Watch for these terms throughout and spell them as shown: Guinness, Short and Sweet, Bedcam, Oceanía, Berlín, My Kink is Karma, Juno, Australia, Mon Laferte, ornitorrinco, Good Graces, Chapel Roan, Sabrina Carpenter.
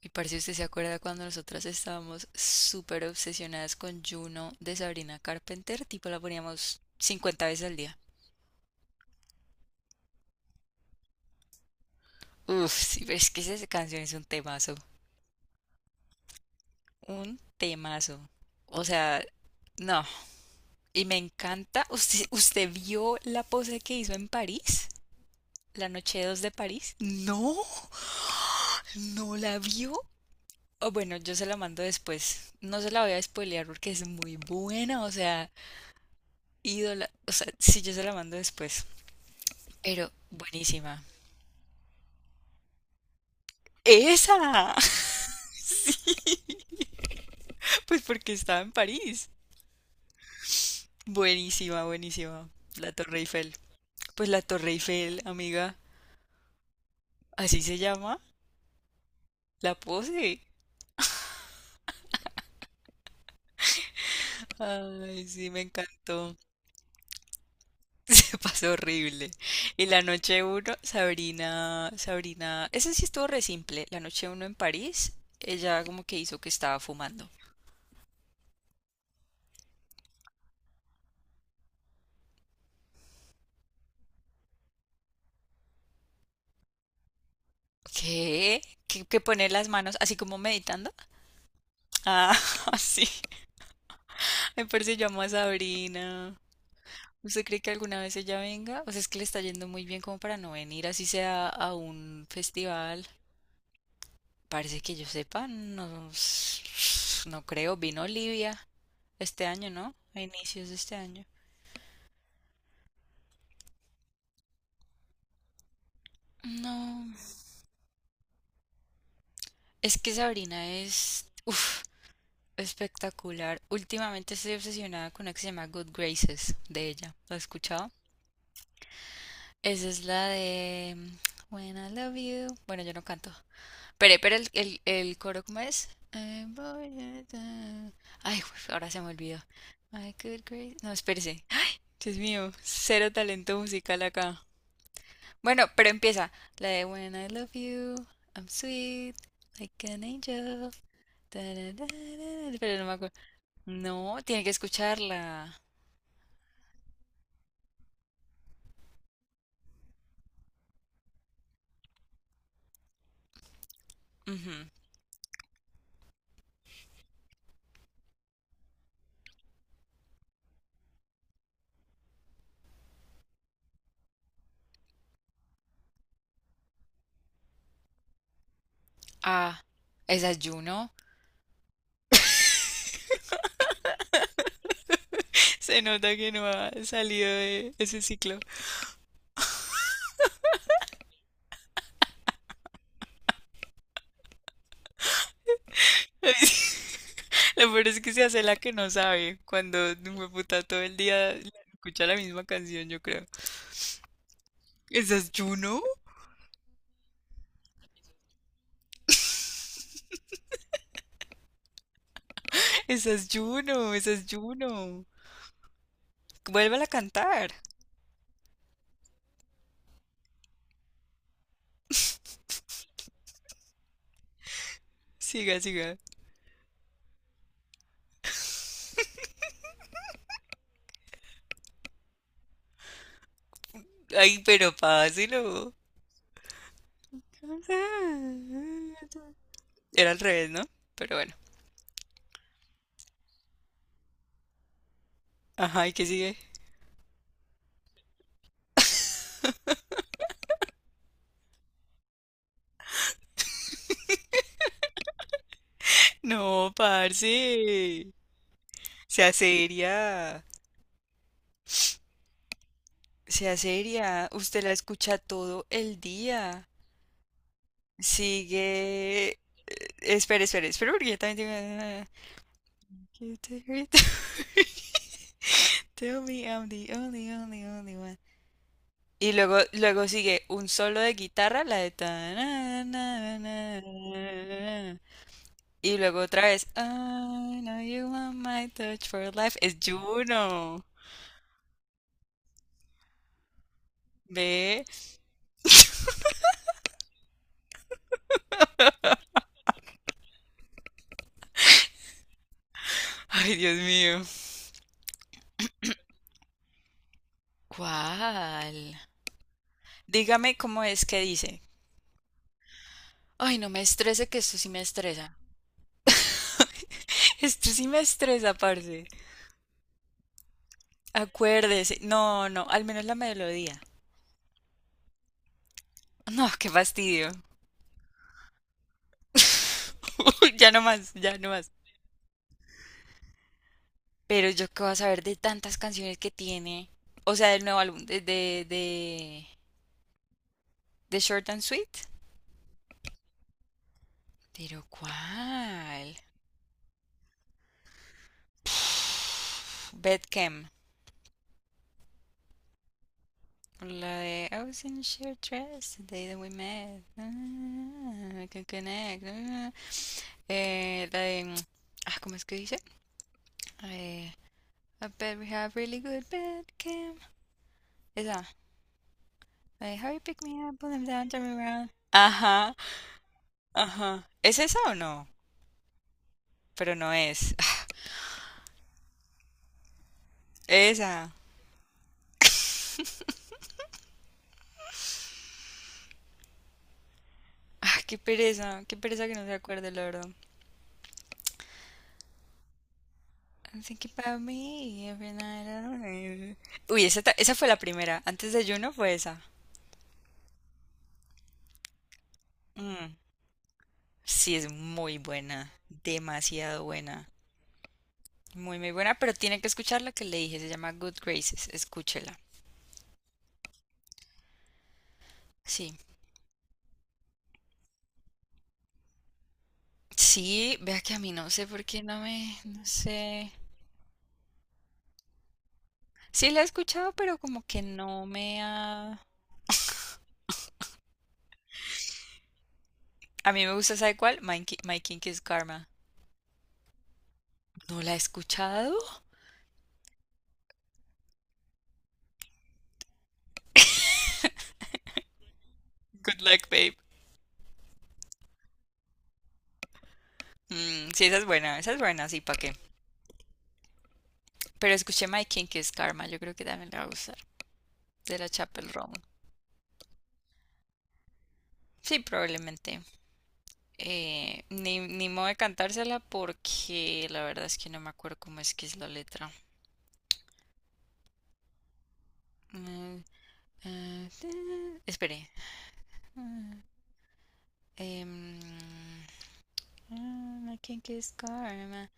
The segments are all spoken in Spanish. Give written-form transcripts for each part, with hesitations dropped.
Y parce, ¿usted se acuerda cuando nosotras estábamos súper obsesionadas con Juno de Sabrina Carpenter? Tipo, la poníamos 50 veces al día. Uf, sí, pero es que esa canción es un temazo. Un temazo. O sea, no. Y me encanta. ¿Usted vio la pose que hizo en París? ¿La noche 2 de París? No, no la vio. O bueno, yo se la mando después. No se la voy a spoilear porque es muy buena. O sea, ídola. O sea, sí, yo se la mando después. Pero buenísima. ¡Esa! Sí, pues porque estaba en París. Buenísima, buenísima. La Torre Eiffel. Pues la Torre Eiffel, amiga. ¿Así se llama? La pose. Ay, sí, me encantó. Se pasó horrible. Y la noche uno, Sabrina, ese sí estuvo re simple. La noche uno en París, ella como que hizo que estaba fumando. ¿Qué? ¿Que poner las manos así como meditando? Ah, sí. Me parece llama a Sabrina. ¿Usted cree que alguna vez ella venga? O sea, es que le está yendo muy bien como para no venir, así sea a un festival. Parece que yo sepa, no, no creo. Vino Olivia este año, ¿no? A inicios de este año. No, es que Sabrina es, uf, espectacular. Últimamente estoy obsesionada con una que se llama Good Graces de ella. ¿Lo has escuchado? Esa es la de When I Love You. Bueno, yo no canto. Pero el coro, ¿cómo es? Ay, güey, ahora se me olvidó. My good grace. No, espérese. Dios mío, cero talento musical acá. Bueno, pero empieza. La de When I love you, I'm sweet, like an angel. Ta, da, da, da, da, pero no me acuerdo. No, tiene que escucharla. Ujú. Ah, esa es Juno. Se nota que no ha salido de ese ciclo. Lo peor es que se hace la que no sabe cuando puta todo el día escucha la misma canción, yo creo. ¿Esa es Juno? ¿Esa es Juno? ¿Esa es Juno? Vuélvala a cantar. Siga, siga. Ay, pero páselo. Era al revés, ¿no? Pero bueno. Ajá, ¿y qué sigue? No, parce. Sea seria. Sea seria. Usted la escucha todo el día. Sigue. Espera, espera, espera, porque yo también tengo. You tell me- tell me I'm the only, only, only one. Y luego sigue un solo de guitarra, la de ta- na- na- na- na- na- na. Y luego otra vez. I know you want my touch for life. Es Juno. ¿Ve? Ay, Dios mío. ¿Cuál? Dígame cómo es que dice. Ay, no me estrese, que esto sí me estresa. Esto sí me estresa, parce. Acuérdese, no, no, al menos la melodía. No, qué fastidio. Ya no más, ya no más. Pero yo qué voy a saber de tantas canciones que tiene, o sea, del nuevo álbum, de Short and Sweet. Pero ¿cuál? Bedcam. La de I was in a short dress the day that we met. Ah, I can connect. Ah. La de. Ah, ¿cómo es que dice? Eh, I bet we have really good bedcam. Esa. Like, how you pick me up, pull him down, turn me around. Ajá, ajá. ¿Es esa o no? Pero no es. Esa. Ah, qué pereza que no se acuerde, la verdad. I think about me every night I don't know. Uy, esa, esa fue la primera. Antes de Juno fue esa. Mm, sí, es muy buena. Demasiado buena. Muy, muy buena, pero tiene que escuchar la que le dije. Se llama Good Graces. Escúchela. Sí. Sí, vea que a mí no sé por qué no me... No sé. Sí la he escuchado, pero como que no me ha... A mí me gusta, ¿sabe cuál? My Kink is Karma. ¿No la he escuchado? Good luck, babe. Mm, sí, esa es buena, sí, ¿para qué? Pero escuché My Kink is Karma, yo creo que también la va a gustar. De la Chapel Roan. Sí, probablemente. Ni modo de cantársela porque la verdad es que no me acuerdo cómo es que es la letra. Mm, Espere. Ah, em, ah, My Kink is Karma.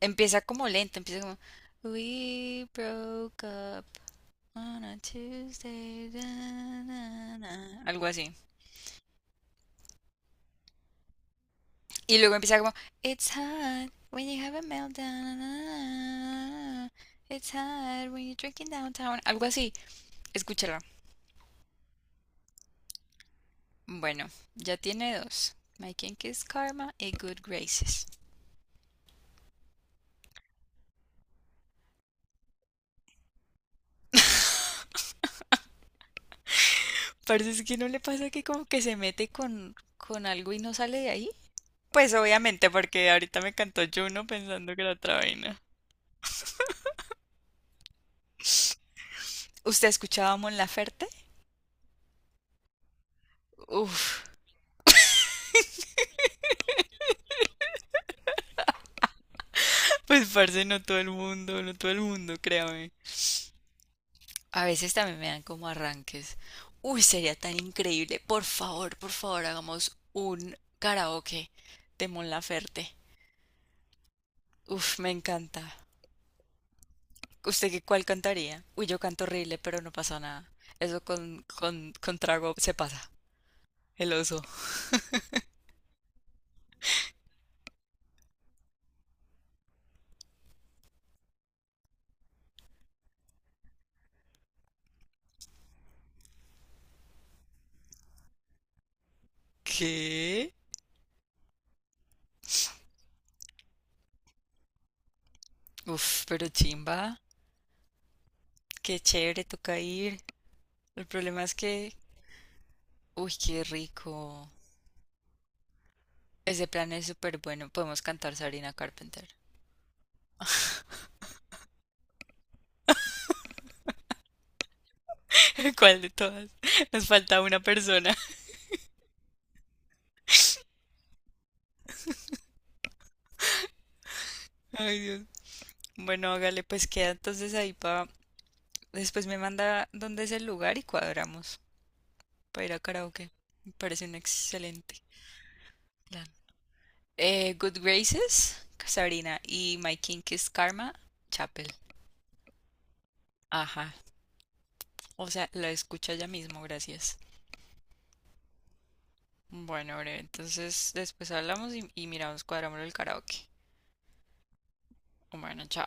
Empieza como lento, empieza como We broke up on a Tuesday, da, na, na", algo así. Y luego empieza como It's hard when you have a meltdown, na, It's hard when you're drinking downtown, algo así. Escúchala. Bueno, ya tiene dos. My Kink is Karma y Good Graces. Parece que no le pasa que como que se mete con algo y no sale de ahí. Pues obviamente, porque ahorita me cantó Juno pensando que era otra vaina. ¿Usted escuchaba a Mon Laferte? Uf, pues parce, no todo el mundo, no todo el mundo, créame. A veces también me dan como arranques. Uy, sería tan increíble. Por favor, hagamos un karaoke de Mon Laferte. Uf, me encanta. ¿Usted qué cuál cantaría? Uy, yo canto horrible, pero no pasa nada. Eso con trago se pasa. El oso. ¿Qué? Uf, pero chimba. Qué chévere, toca ir. El problema es que... Uy, qué rico. Ese plan es súper bueno. Podemos cantar Sabrina Carpenter. ¿Cuál de todas? Nos falta una persona. Ay, Dios. Bueno, hágale, pues queda entonces ahí para... Después me manda dónde es el lugar y cuadramos para ir a karaoke. Me parece un excelente plan. Good Graces, Sabrina, y My Kink is Karma, Chapel. Ajá. O sea, la escucha ya mismo, gracias. Bueno, breve, entonces después hablamos y, miramos, cuadramos el karaoke. Bueno, chao.